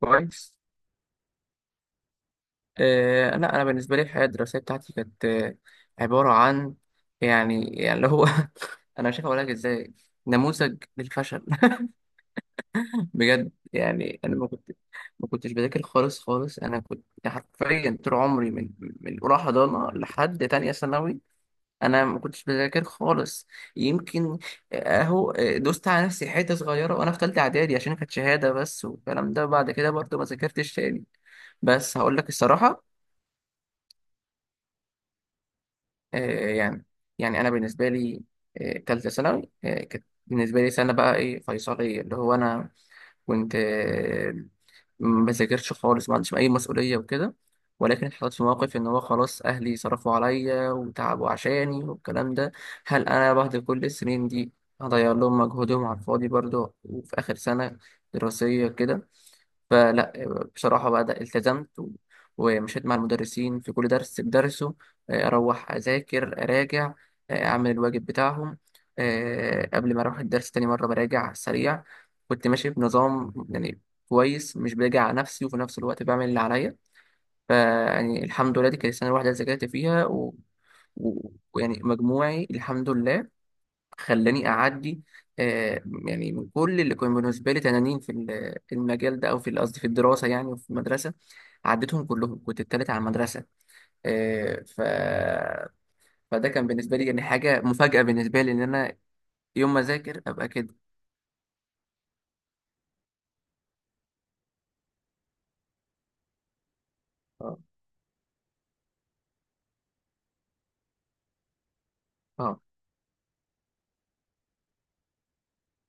كويس. لا، انا بالنسبه لي الحياه الدراسيه بتاعتي كانت، عباره عن يعني اللي هو. انا مش هقول لك ازاي، نموذج للفشل. بجد، يعني انا ما كنتش بذاكر خالص خالص. انا كنت حرفيا طول عمري من اولى حضانه لحد تانية ثانوي. انا ما كنتش بذاكر خالص، يمكن، اهو، دوست على نفسي حته صغيره وانا في ثالثه اعدادي عشان كانت شهاده بس، والكلام ده بعد كده برضه ما ذاكرتش تاني. بس هقول لك الصراحه، يعني، انا بالنسبه لي، تالتة ثانوي كانت بالنسبه لي سنه بقى ايه فيصليه، اللي هو انا كنت، ما بذاكرش خالص، ما عنديش اي مسؤوليه وكده. ولكن اتحطيت في موقف ان هو خلاص، اهلي صرفوا عليا وتعبوا عشاني والكلام ده. هل انا بعد كل السنين دي هضيع لهم مجهودهم على الفاضي برضه؟ وفي اخر سنه دراسيه كده، فلا. بصراحة بقى، ده التزمت ومشيت مع المدرسين في كل درس بدرسه. أروح أذاكر أراجع، أعمل الواجب بتاعهم، قبل ما أروح الدرس تاني مرة براجع سريع. كنت ماشي بنظام يعني، كويس، مش براجع على نفسي وفي نفس الوقت بعمل اللي عليا. فيعني الحمد لله، دي كانت السنة الواحدة اللي ذاكرت فيها و- ويعني مجموعي الحمد لله خلاني اعدي. آه، يعني من كل اللي كانوا بالنسبه لي تنانين في المجال ده، او في قصدي في الدراسه يعني، وفي المدرسه عديتهم كلهم، كنت التالت على المدرسه. آه، ف فده كان بالنسبه لي يعني حاجه مفاجاه بالنسبه لي، ان انا يوم ما اذاكر ابقى كده. اه، اه.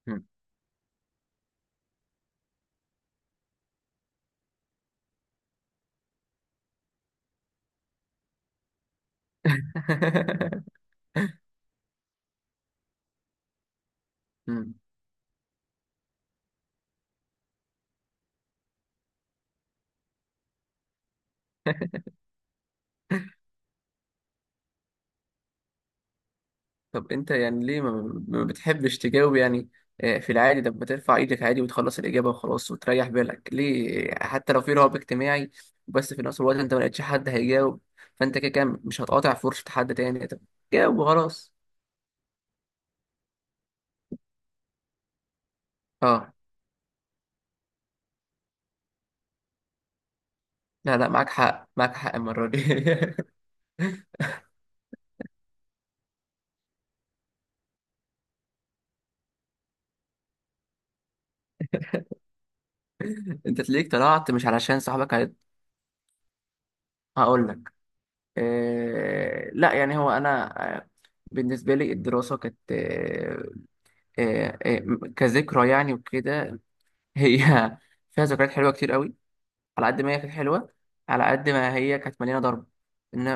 مم. مم. طب انت، يعني ليه ما بتحبش تجاوب يعني؟ في العادي لما ترفع ايدك عادي وتخلص الاجابه وخلاص وتريح بالك، ليه؟ حتى لو في رهاب اجتماعي، بس في نفس الوقت انت ما لقيتش حد هيجاوب، فانت كده كده مش هتقاطع فرصه حد تاني، طب جاوب وخلاص. اه، لا لا، معاك حق معاك حق المره دي. انت تلاقيك طلعت مش علشان صاحبك هيط-. هقول لك، لا، يعني هو انا، بالنسبه لي الدراسه كانت، كذكرى يعني وكده. هي، فيها ذكريات حلوه كتير قوي. على قد ما هي كانت حلوه، على قد ما هي كانت مليانه ضرب، ان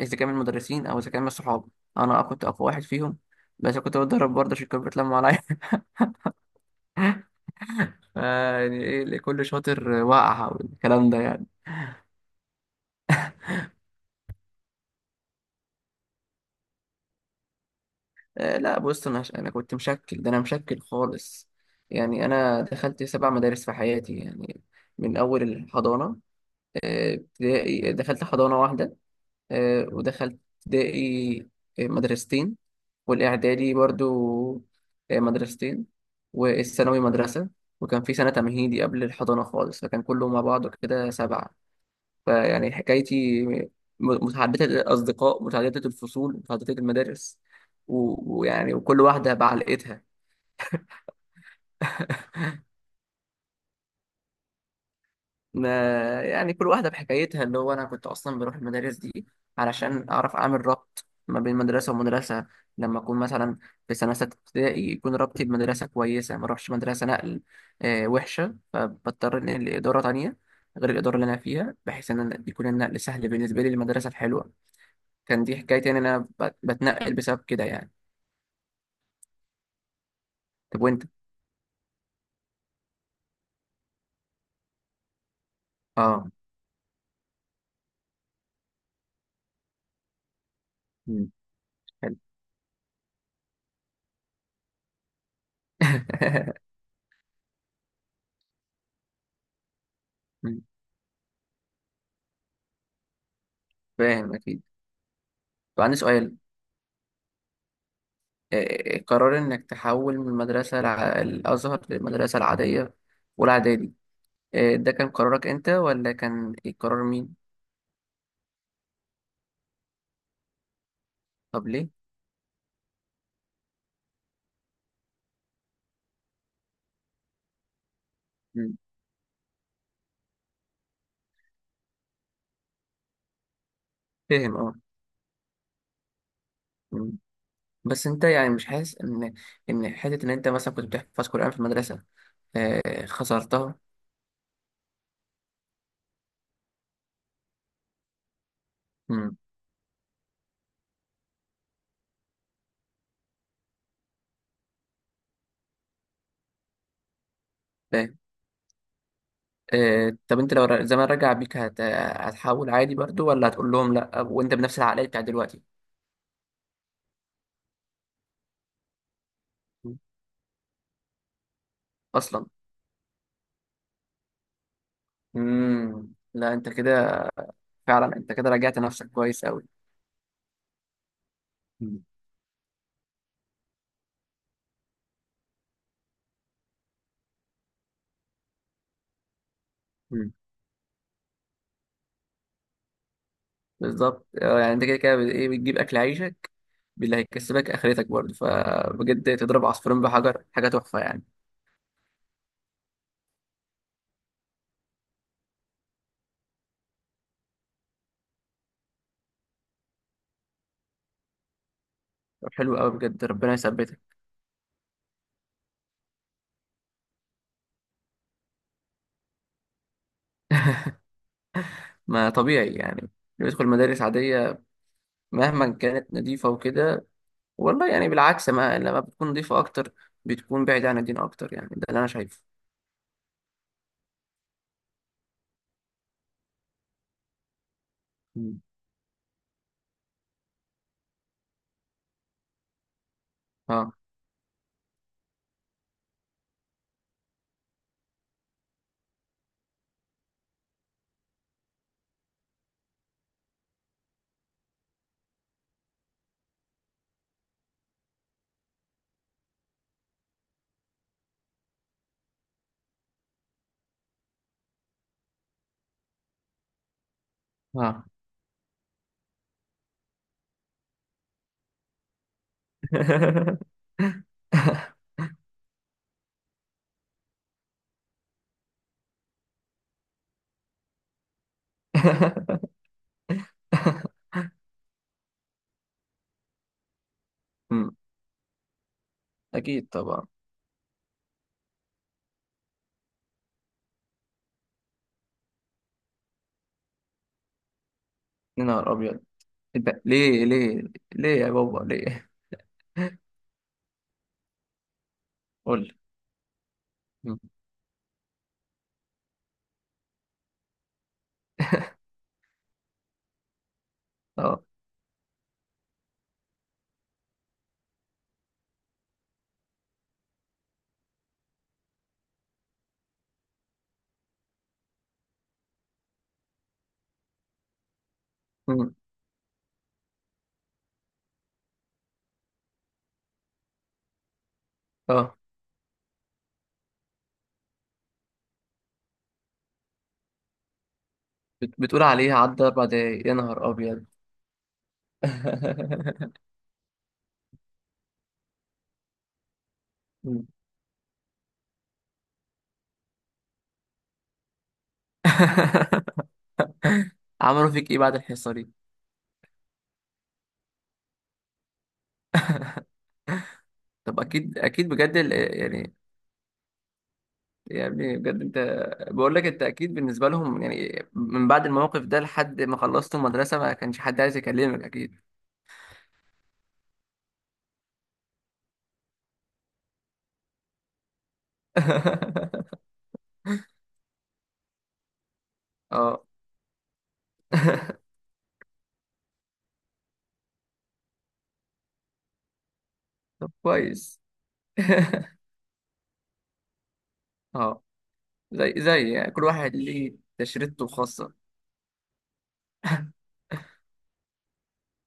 اذا كان من المدرسين او اذا كان من الصحاب. انا كنت اقوى واحد فيهم، بس كنت بتضرب برضه عشان كانوا بيتلموا عليا. يعني ايه اللي كل شاطر وقع والكلام ده يعني. لا بص، انا كنت مشكل، ده انا مشكل خالص. يعني انا دخلت 7 مدارس في حياتي يعني، من اول الحضانه. ابتدائي دخلت حضانه واحده، ودخلت ابتدائي مدرستين، والإعدادي برضو مدرستين، والثانوي مدرسة، وكان في سنة تمهيدي قبل الحضانة خالص، فكان كله مع بعضه كده 7. فيعني حكايتي، متعددة الأصدقاء، متعددة الفصول، متعددة المدارس، ويعني وكل واحدة بعلقتها. ما يعني كل واحدة بحكايتها، اللي هو أنا كنت أصلا بروح المدارس دي علشان أعرف أعمل ربط ما بين مدرسة ومدرسة. لما أكون مثلا في سنة 6 ابتدائي، يكون ربطي بمدرسة كويسة، ما أروحش مدرسة نقل وحشة، فبضطر إنقل لإدارة تانية غير الإدارة اللي أنا فيها، بحيث إن أنا يكون النقل سهل بالنسبة لي للمدرسة الحلوة. كان دي حكايتي، إن أنا بتنقل بسبب كده يعني. طب وأنت؟ آه. مم، حلو. مم، فاهم أكيد. طب عندي سؤال، قرار إنك تحول من المدرسة الأزهر للمدرسة العادية والإعدادي، ده كان قرارك أنت ولا كان قرار مين؟ طب ليه؟ مم. فاهم أه. مم. بس أنت يعني مش حاسس إن، حتة إن أنت مثلا كنت بتحفظ قرآن في المدرسة، خسرتها؟ مم. فاهم، طب أنت لو زمان رجع بيك هتحول عادي برضو، ولا هتقول لهم لأ وأنت بنفس العقلية بتاعت دلوقتي؟ مم. أصلا. مم. لا أنت كده، فعلا أنت كده رجعت نفسك كويس أوي. بالظبط. يعني انت كده كده بت- ايه بتجيب اكل عيشك باللي هيكسبك اخرتك برضه، فبجد تضرب عصفورين بحجر، حاجه تحفه يعني. طب حلو قوي، بجد ربنا يثبتك. ما طبيعي يعني اللي بيدخل مدارس عاديه، مهما كانت نظيفه وكده. والله يعني بالعكس، ما لما بتكون نظيفه اكتر، بتكون بعيده عن الدين اكتر يعني، ده اللي انا شايفه. مم. اه، اه. أمم، اكيد طبعا. يا نهار ابيض! إيه ده؟ ليه ليه ليه يا بابا ليه؟ قول لي. اه. مم. اه. بتقول عليه عدى 4 دقايق يا نهار أبيض؟ مم. عملوا فيك إيه بعد الحصة دي؟ طب أكيد أكيد، بجد يعني، بجد أنت، بقول لك أنت أكيد بالنسبة لهم يعني من بعد الموقف ده لحد ما خلصت المدرسة ما كانش حد عايز يكلمك أكيد. اه. طب كويس. اه. زي يعني كل واحد ليه تشريطه الخاصة.